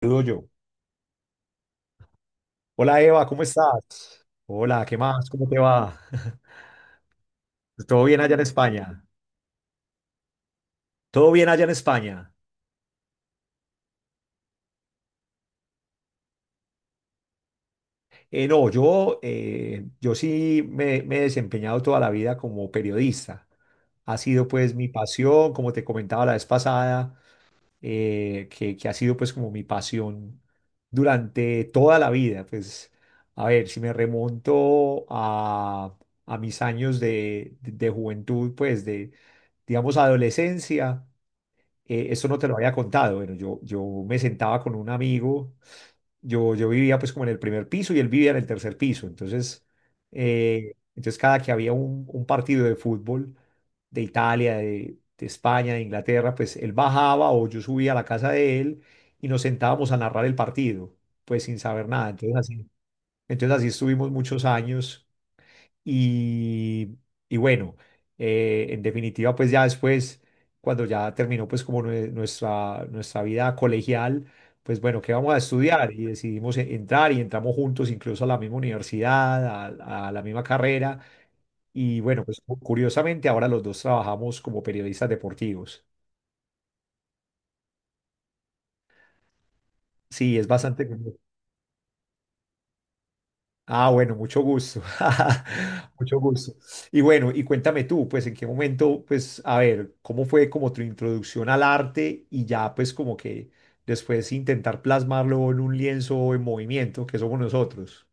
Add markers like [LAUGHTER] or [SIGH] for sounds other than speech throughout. Saludo yo. Hola Eva, ¿cómo estás? Hola, ¿qué más? ¿Cómo te va? ¿Todo bien allá en España? ¿Todo bien allá en España? No, yo sí me he desempeñado toda la vida como periodista. Ha sido pues mi pasión, como te comentaba la vez pasada, que ha sido pues como mi pasión durante toda la vida. Pues a ver, si me remonto a mis años de juventud, pues de, digamos, adolescencia. Esto no te lo había contado. Bueno, yo me sentaba con un amigo. Yo vivía pues como en el primer piso y él vivía en el tercer piso. Entonces, entonces cada que había un partido de fútbol de Italia, de España, de Inglaterra, pues él bajaba o yo subía a la casa de él y nos sentábamos a narrar el partido, pues sin saber nada. Entonces así estuvimos muchos años y, y bueno, en definitiva, pues ya después, cuando ya terminó pues como nuestra vida colegial, pues bueno, ¿qué vamos a estudiar? Y decidimos entrar y entramos juntos incluso a la misma universidad, a la misma carrera. Y bueno, pues curiosamente ahora los dos trabajamos como periodistas deportivos. Sí, es bastante. Ah, bueno, mucho gusto. [LAUGHS] Mucho gusto. Y bueno, y cuéntame tú, pues en qué momento, pues a ver, ¿cómo fue como tu introducción al arte y ya pues como que después intentar plasmarlo en un lienzo en movimiento, que somos nosotros?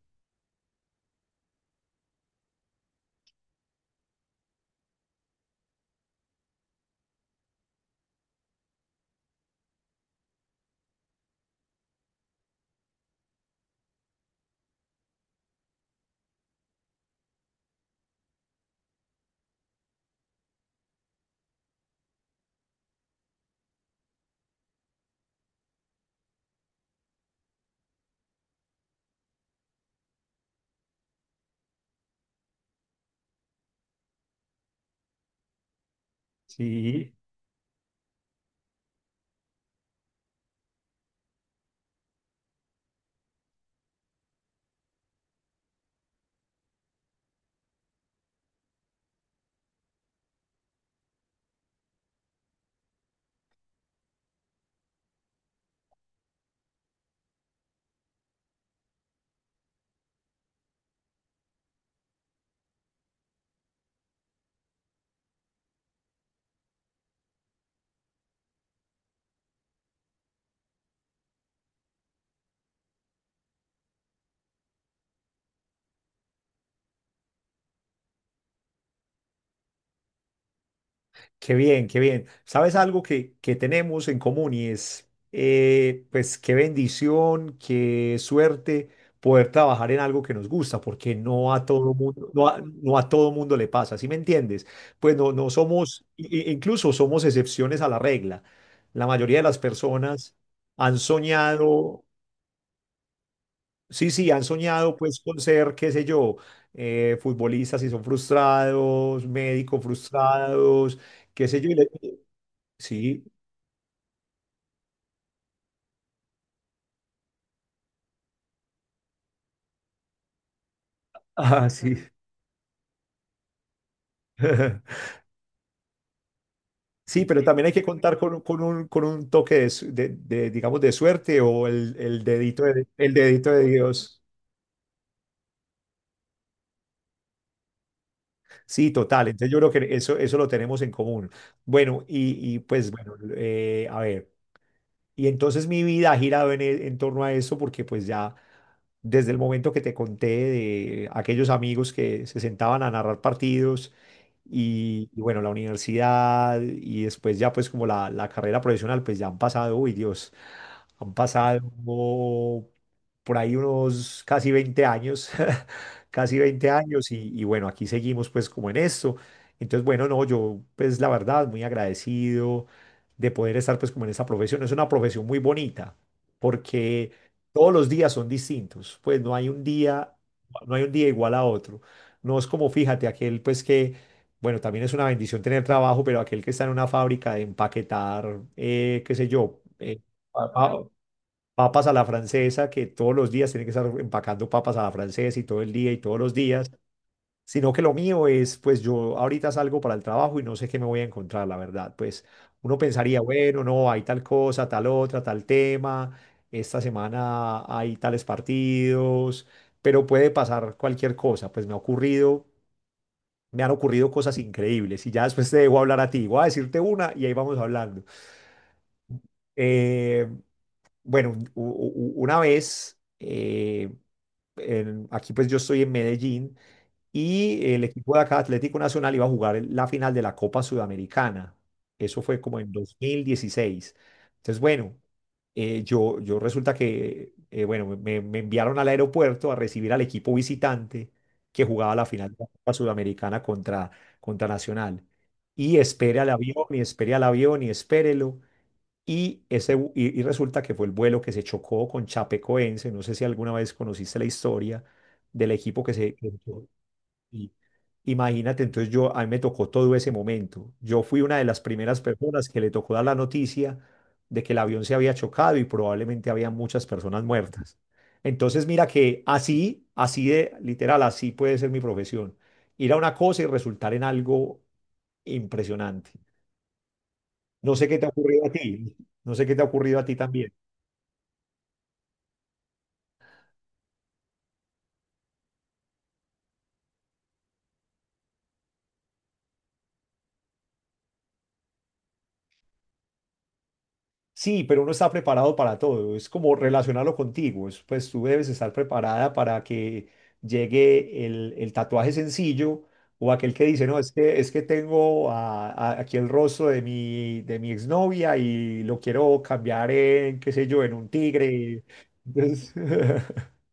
Sí. Qué bien, qué bien. ¿Sabes algo que tenemos en común y es, pues qué bendición, qué suerte poder trabajar en algo que nos gusta, porque no a todo mundo, no a todo mundo le pasa, ¿sí me entiendes? Pues no, no somos, incluso somos excepciones a la regla. La mayoría de las personas han soñado, sí, sí, han soñado pues con ser, qué sé yo, futbolistas y son frustrados, médicos frustrados, qué sé yo. Sí. Ah, sí. [LAUGHS] Sí, pero también hay que contar con un toque de, de, digamos, de suerte o el dedito de Dios. Sí, total. Entonces yo creo que eso lo tenemos en común. Bueno, y pues bueno, a ver. Y entonces mi vida ha girado en, en torno a eso porque pues ya desde el momento que te conté de aquellos amigos que se sentaban a narrar partidos y bueno, la universidad y después ya pues como la carrera profesional, pues ya han pasado, uy Dios. Han pasado por ahí unos casi 20 años, [LAUGHS] casi 20 años y bueno, aquí seguimos pues como en esto. Entonces, bueno, no, yo pues la verdad muy agradecido de poder estar pues como en esta profesión. Es una profesión muy bonita porque todos los días son distintos, pues no hay un día, no hay un día igual a otro. No es como, fíjate, aquel pues que, bueno, también es una bendición tener trabajo, pero aquel que está en una fábrica de empaquetar, qué sé yo. Pa- pa- papas a la francesa, que todos los días tienen que estar empacando papas a la francesa y todo el día y todos los días, sino que lo mío es, pues yo ahorita salgo para el trabajo y no sé qué me voy a encontrar, la verdad. Pues uno pensaría, bueno, no, hay tal cosa, tal otra, tal tema, esta semana hay tales partidos, pero puede pasar cualquier cosa, pues me ha ocurrido. Me han ocurrido cosas increíbles y ya después te debo hablar a ti. Voy a decirte una y ahí vamos hablando. Eh, bueno, una vez aquí pues yo estoy en Medellín y el equipo de acá, Atlético Nacional, iba a jugar la final de la Copa Sudamericana. Eso fue como en 2016. Entonces, bueno, yo, yo resulta que, bueno, me enviaron al aeropuerto a recibir al equipo visitante que jugaba la final de la Copa Sudamericana contra, contra Nacional. Y espere al avión, y espere al avión, y espérelo. Y resulta que fue el vuelo que se chocó con Chapecoense. No sé si alguna vez conociste la historia del equipo que se, que se chocó. Y imagínate, entonces yo, a mí me tocó todo ese momento. Yo fui una de las primeras personas que le tocó dar la noticia de que el avión se había chocado y probablemente había muchas personas muertas. Entonces mira que así, así de literal, así puede ser mi profesión. Ir a una cosa y resultar en algo impresionante. No sé qué te ha ocurrido a ti. No sé qué te ha ocurrido a ti también. Sí, pero uno está preparado para todo. Es como relacionarlo contigo. Es, pues tú debes estar preparada para que llegue el tatuaje sencillo o aquel que dice, no, es que tengo aquí el rostro de mi exnovia y lo quiero cambiar en, qué sé yo, en un tigre. Entonces, [LAUGHS]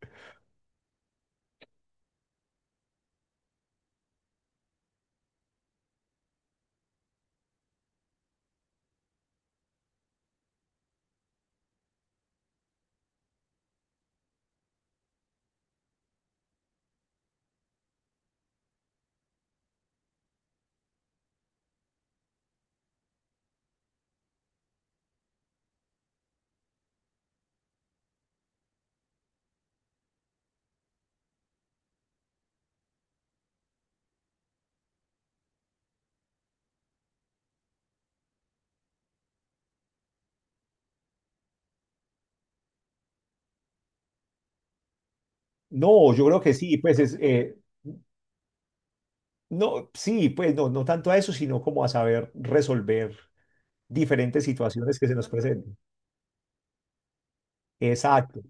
no, yo creo que sí, pues es, no, sí, pues no, no tanto a eso, sino como a saber resolver diferentes situaciones que se nos presenten. Exacto.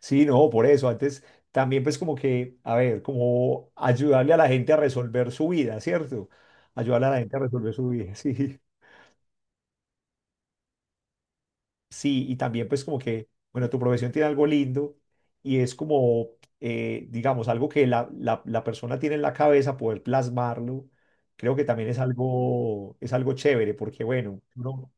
Sí, no, por eso. Antes también pues como que, a ver, como ayudarle a la gente a resolver su vida, ¿cierto? Ayudarle a la gente a resolver su vida, [LAUGHS] sí. Sí, y también pues como que, bueno, tu profesión tiene algo lindo y es como, digamos, algo que la persona tiene en la cabeza, poder plasmarlo. Creo que también es algo chévere porque, bueno,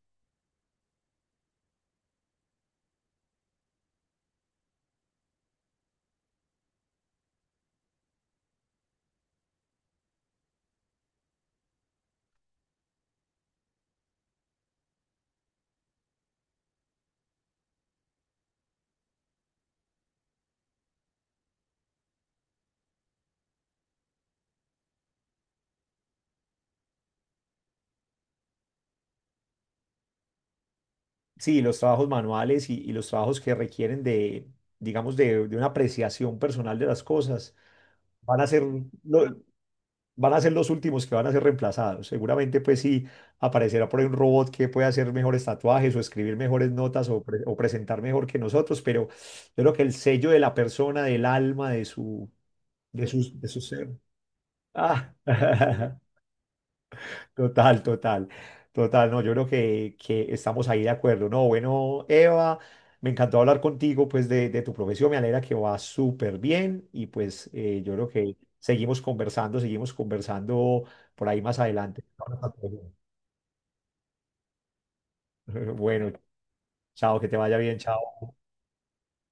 sí, los trabajos manuales y los trabajos que requieren de, digamos, de una apreciación personal de las cosas van a ser lo- van a ser los últimos que van a ser reemplazados. Seguramente, pues sí, aparecerá por ahí un robot que pueda hacer mejores tatuajes o escribir mejores notas o, presentar mejor que nosotros, pero yo creo que el sello de la persona, del alma, de su, de su ser. Ah. [LAUGHS] Total, total, total. No, yo creo que estamos ahí de acuerdo. No, bueno, Eva, me encantó hablar contigo, pues, de tu profesión. Me alegra que va súper bien y pues yo creo que seguimos conversando por ahí más adelante. [LAUGHS] Bueno, chao, que te vaya bien, chao.